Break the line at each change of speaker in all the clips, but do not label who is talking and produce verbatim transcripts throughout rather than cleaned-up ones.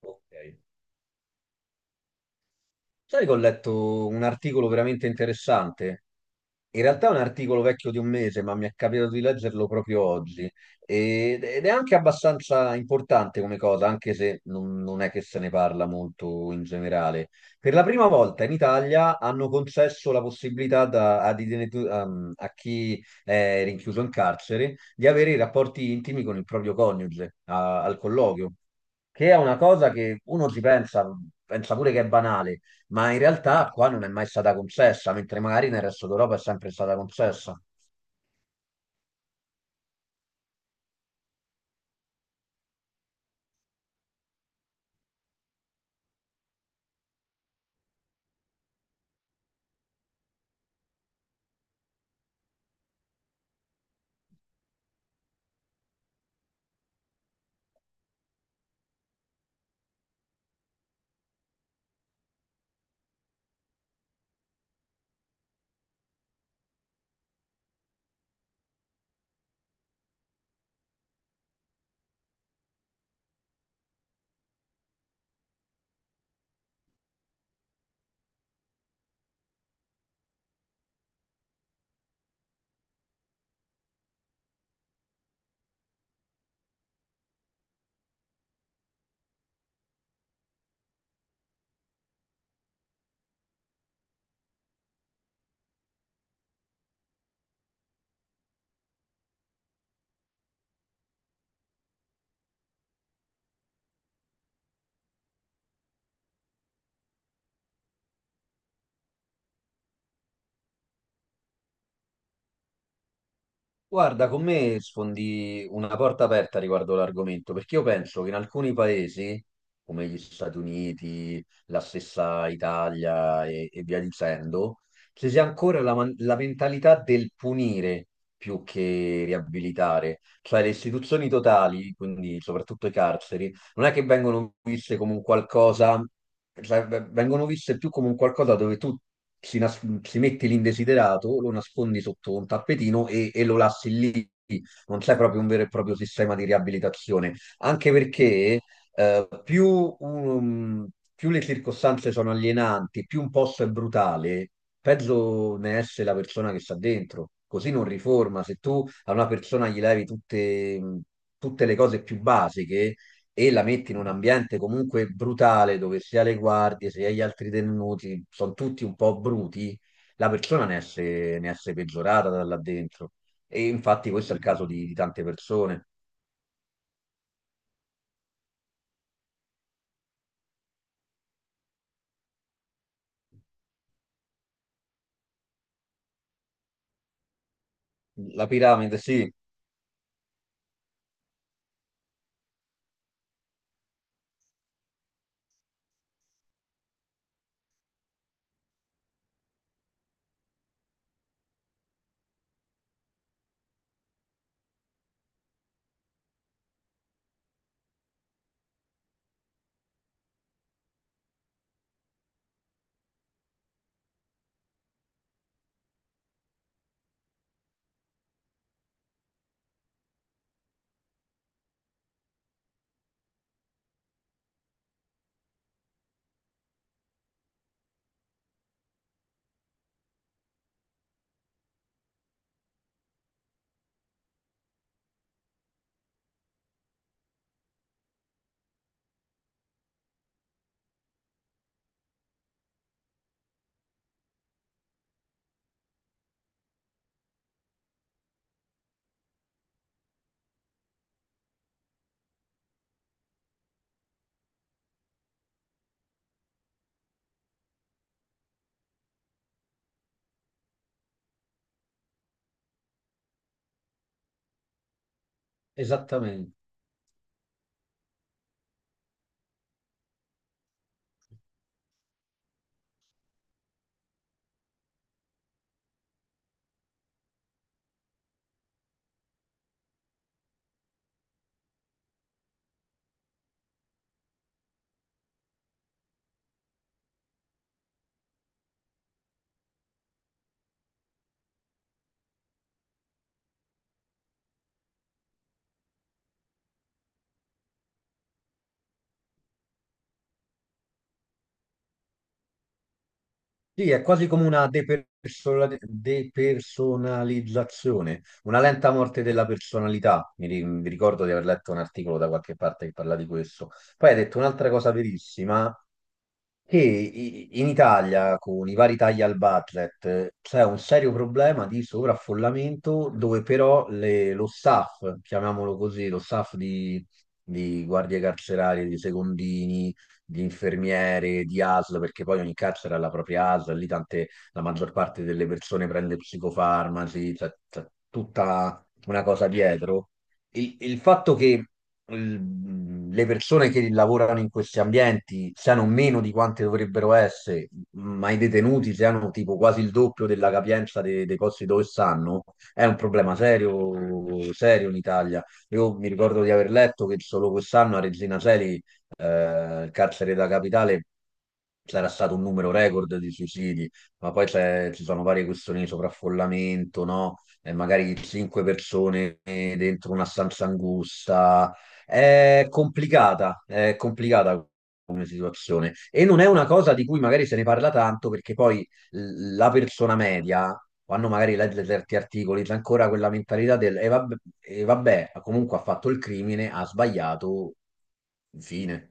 Ok. Sai che ho letto un articolo veramente interessante? In realtà è un articolo vecchio di un mese, ma mi è capitato di leggerlo proprio oggi. Ed ed è anche abbastanza importante come cosa, anche se non, non è che se ne parla molto in generale. Per la prima volta in Italia hanno concesso la possibilità da- ad ident- um, a chi è rinchiuso in carcere di avere i rapporti intimi con il proprio coniuge a- al colloquio, che è una cosa che uno ci pensa, pensa pure che è banale, ma in realtà qua non è mai stata concessa, mentre magari nel resto d'Europa è sempre stata concessa. Guarda, con me sfondi una porta aperta riguardo l'argomento, perché io penso che in alcuni paesi, come gli Stati Uniti, la stessa Italia e, e via dicendo, ci sia ancora la, man- la mentalità del punire più che riabilitare, cioè le istituzioni totali, quindi soprattutto i carceri non è che vengono viste come un qualcosa, cioè, v- vengono viste più come un qualcosa dove tu si, nas- si metti l'indesiderato, lo nascondi sotto un tappetino e, e lo lasci lì. Non c'è proprio un vero e proprio sistema di riabilitazione, anche perché eh, più, um, più le circostanze sono alienanti, più un posto è brutale, peggio ne esce la persona che sta dentro. Così non riforma. Se tu a una persona gli levi tutte, mh, tutte le cose più basiche, e la metti in un ambiente comunque brutale dove sia le guardie sia gli altri tenuti sono tutti un po' bruti, la persona ne esce, ne esce peggiorata da là dentro. E infatti questo è il caso di, di tante persone. La piramide, sì, esattamente. Sì, è quasi come una depersola- depersonalizzazione, una lenta morte della personalità. Mi, ri- mi ricordo di aver letto un articolo da qualche parte che parla di questo. Poi hai detto un'altra cosa verissima, che i- in Italia, con i vari tagli al budget, eh, c'è un serio problema di sovraffollamento dove però le- lo staff, chiamiamolo così, lo staff di, di guardie carcerarie, di secondini, di infermiere, di A S L, perché poi ogni carcere ha la propria A S L, lì tante, la maggior parte delle persone prende psicofarmaci, c'è c'è tutta una cosa dietro. Il, il fatto che l- le persone che lavorano in questi ambienti siano meno di quante dovrebbero essere, ma i detenuti siano tipo quasi il doppio della capienza de- dei posti dove stanno, è un problema serio, serio in Italia. Io mi ricordo di aver letto che solo quest'anno a Regina Coeli, eh, il carcere della capitale, c'era stato un numero record di suicidi, ma poi c'è- ci sono varie questioni di sovraffollamento, no? E magari cinque persone dentro una stanza angusta. È complicata, è complicata come situazione. E non è una cosa di cui magari se ne parla tanto, perché poi l- la persona media o hanno magari letto certi articoli, c'è ancora quella mentalità del e vabbè, e vabbè, comunque ha fatto il crimine, ha sbagliato, fine.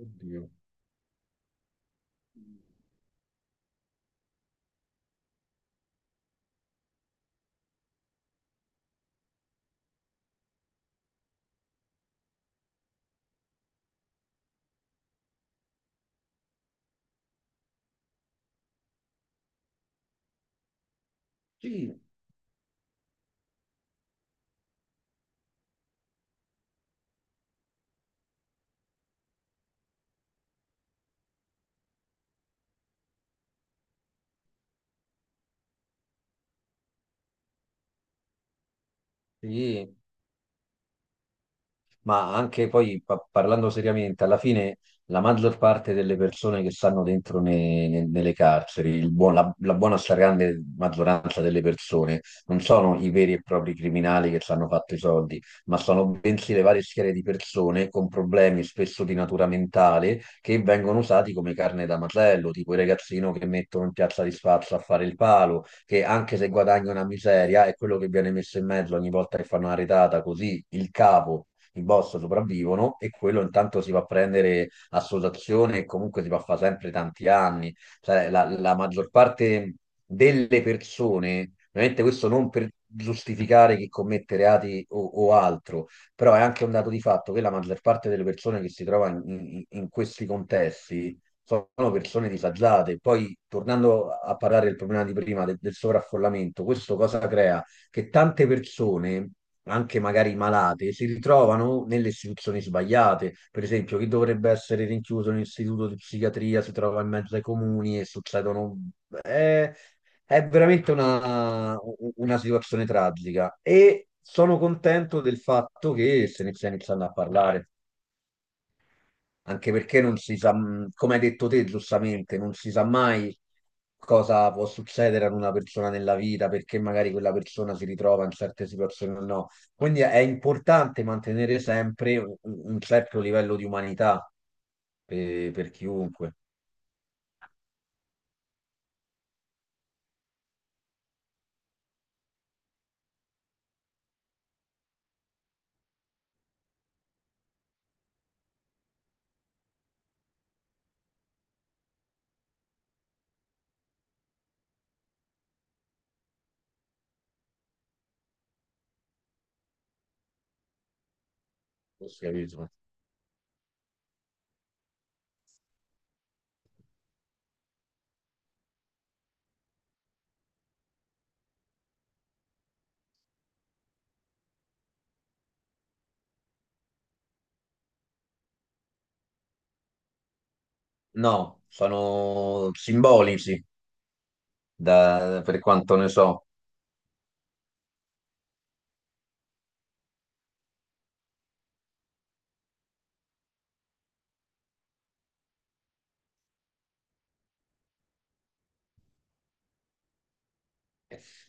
Oddio. Sì, sì. Ma anche poi pa- parlando seriamente, alla fine la maggior parte delle persone che stanno dentro ne- ne- nelle carceri, il buon- la, la buona stragrande maggioranza delle persone, non sono i veri e propri criminali che ci hanno fatto i soldi, ma sono bensì le varie schiere di persone con problemi spesso di natura mentale che vengono usati come carne da macello, tipo il ragazzino che mettono in piazza di spazio a fare il palo, che anche se guadagna una miseria è quello che viene messo in mezzo ogni volta che fanno una retata, così il capo i boss sopravvivono e quello intanto si va a prendere associazione e comunque si va a fare sempre tanti anni. Cioè, la, la maggior parte delle persone, ovviamente questo non per giustificare chi commette reati o, o altro, però è anche un dato di fatto che la maggior parte delle persone che si trova in, in- in questi contesti sono persone disagiate. Poi, tornando a parlare del problema di prima, de- del sovraffollamento, questo cosa crea? Che tante persone, anche magari malate, si ritrovano nelle istituzioni sbagliate. Per esempio, chi dovrebbe essere rinchiuso in un istituto di psichiatria si trova in mezzo ai comuni e succedono... È, è veramente una, una situazione tragica e sono contento del fatto che se ne stia iniziando a parlare, anche perché non si sa, mh, come hai detto te giustamente, non si sa mai cosa può succedere ad una persona nella vita, perché magari quella persona si ritrova in certe situazioni o no. Quindi è importante mantenere sempre un, un certo livello di umanità per, per chiunque. Questo, capito? No, sono simbolici da- per quanto ne so.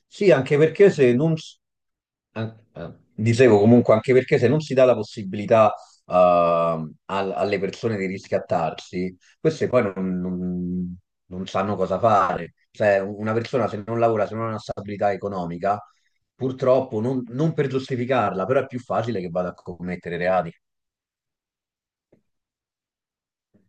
Sì, anche perché se non, s- an- eh, dicevo comunque, anche perché se non si dà la possibilità eh, al- alle persone di riscattarsi, queste poi non, non- non sanno cosa fare. Cioè, una persona se non lavora, se non ha una stabilità economica, purtroppo, non, non per giustificarla, però è più facile che vada a commettere reati.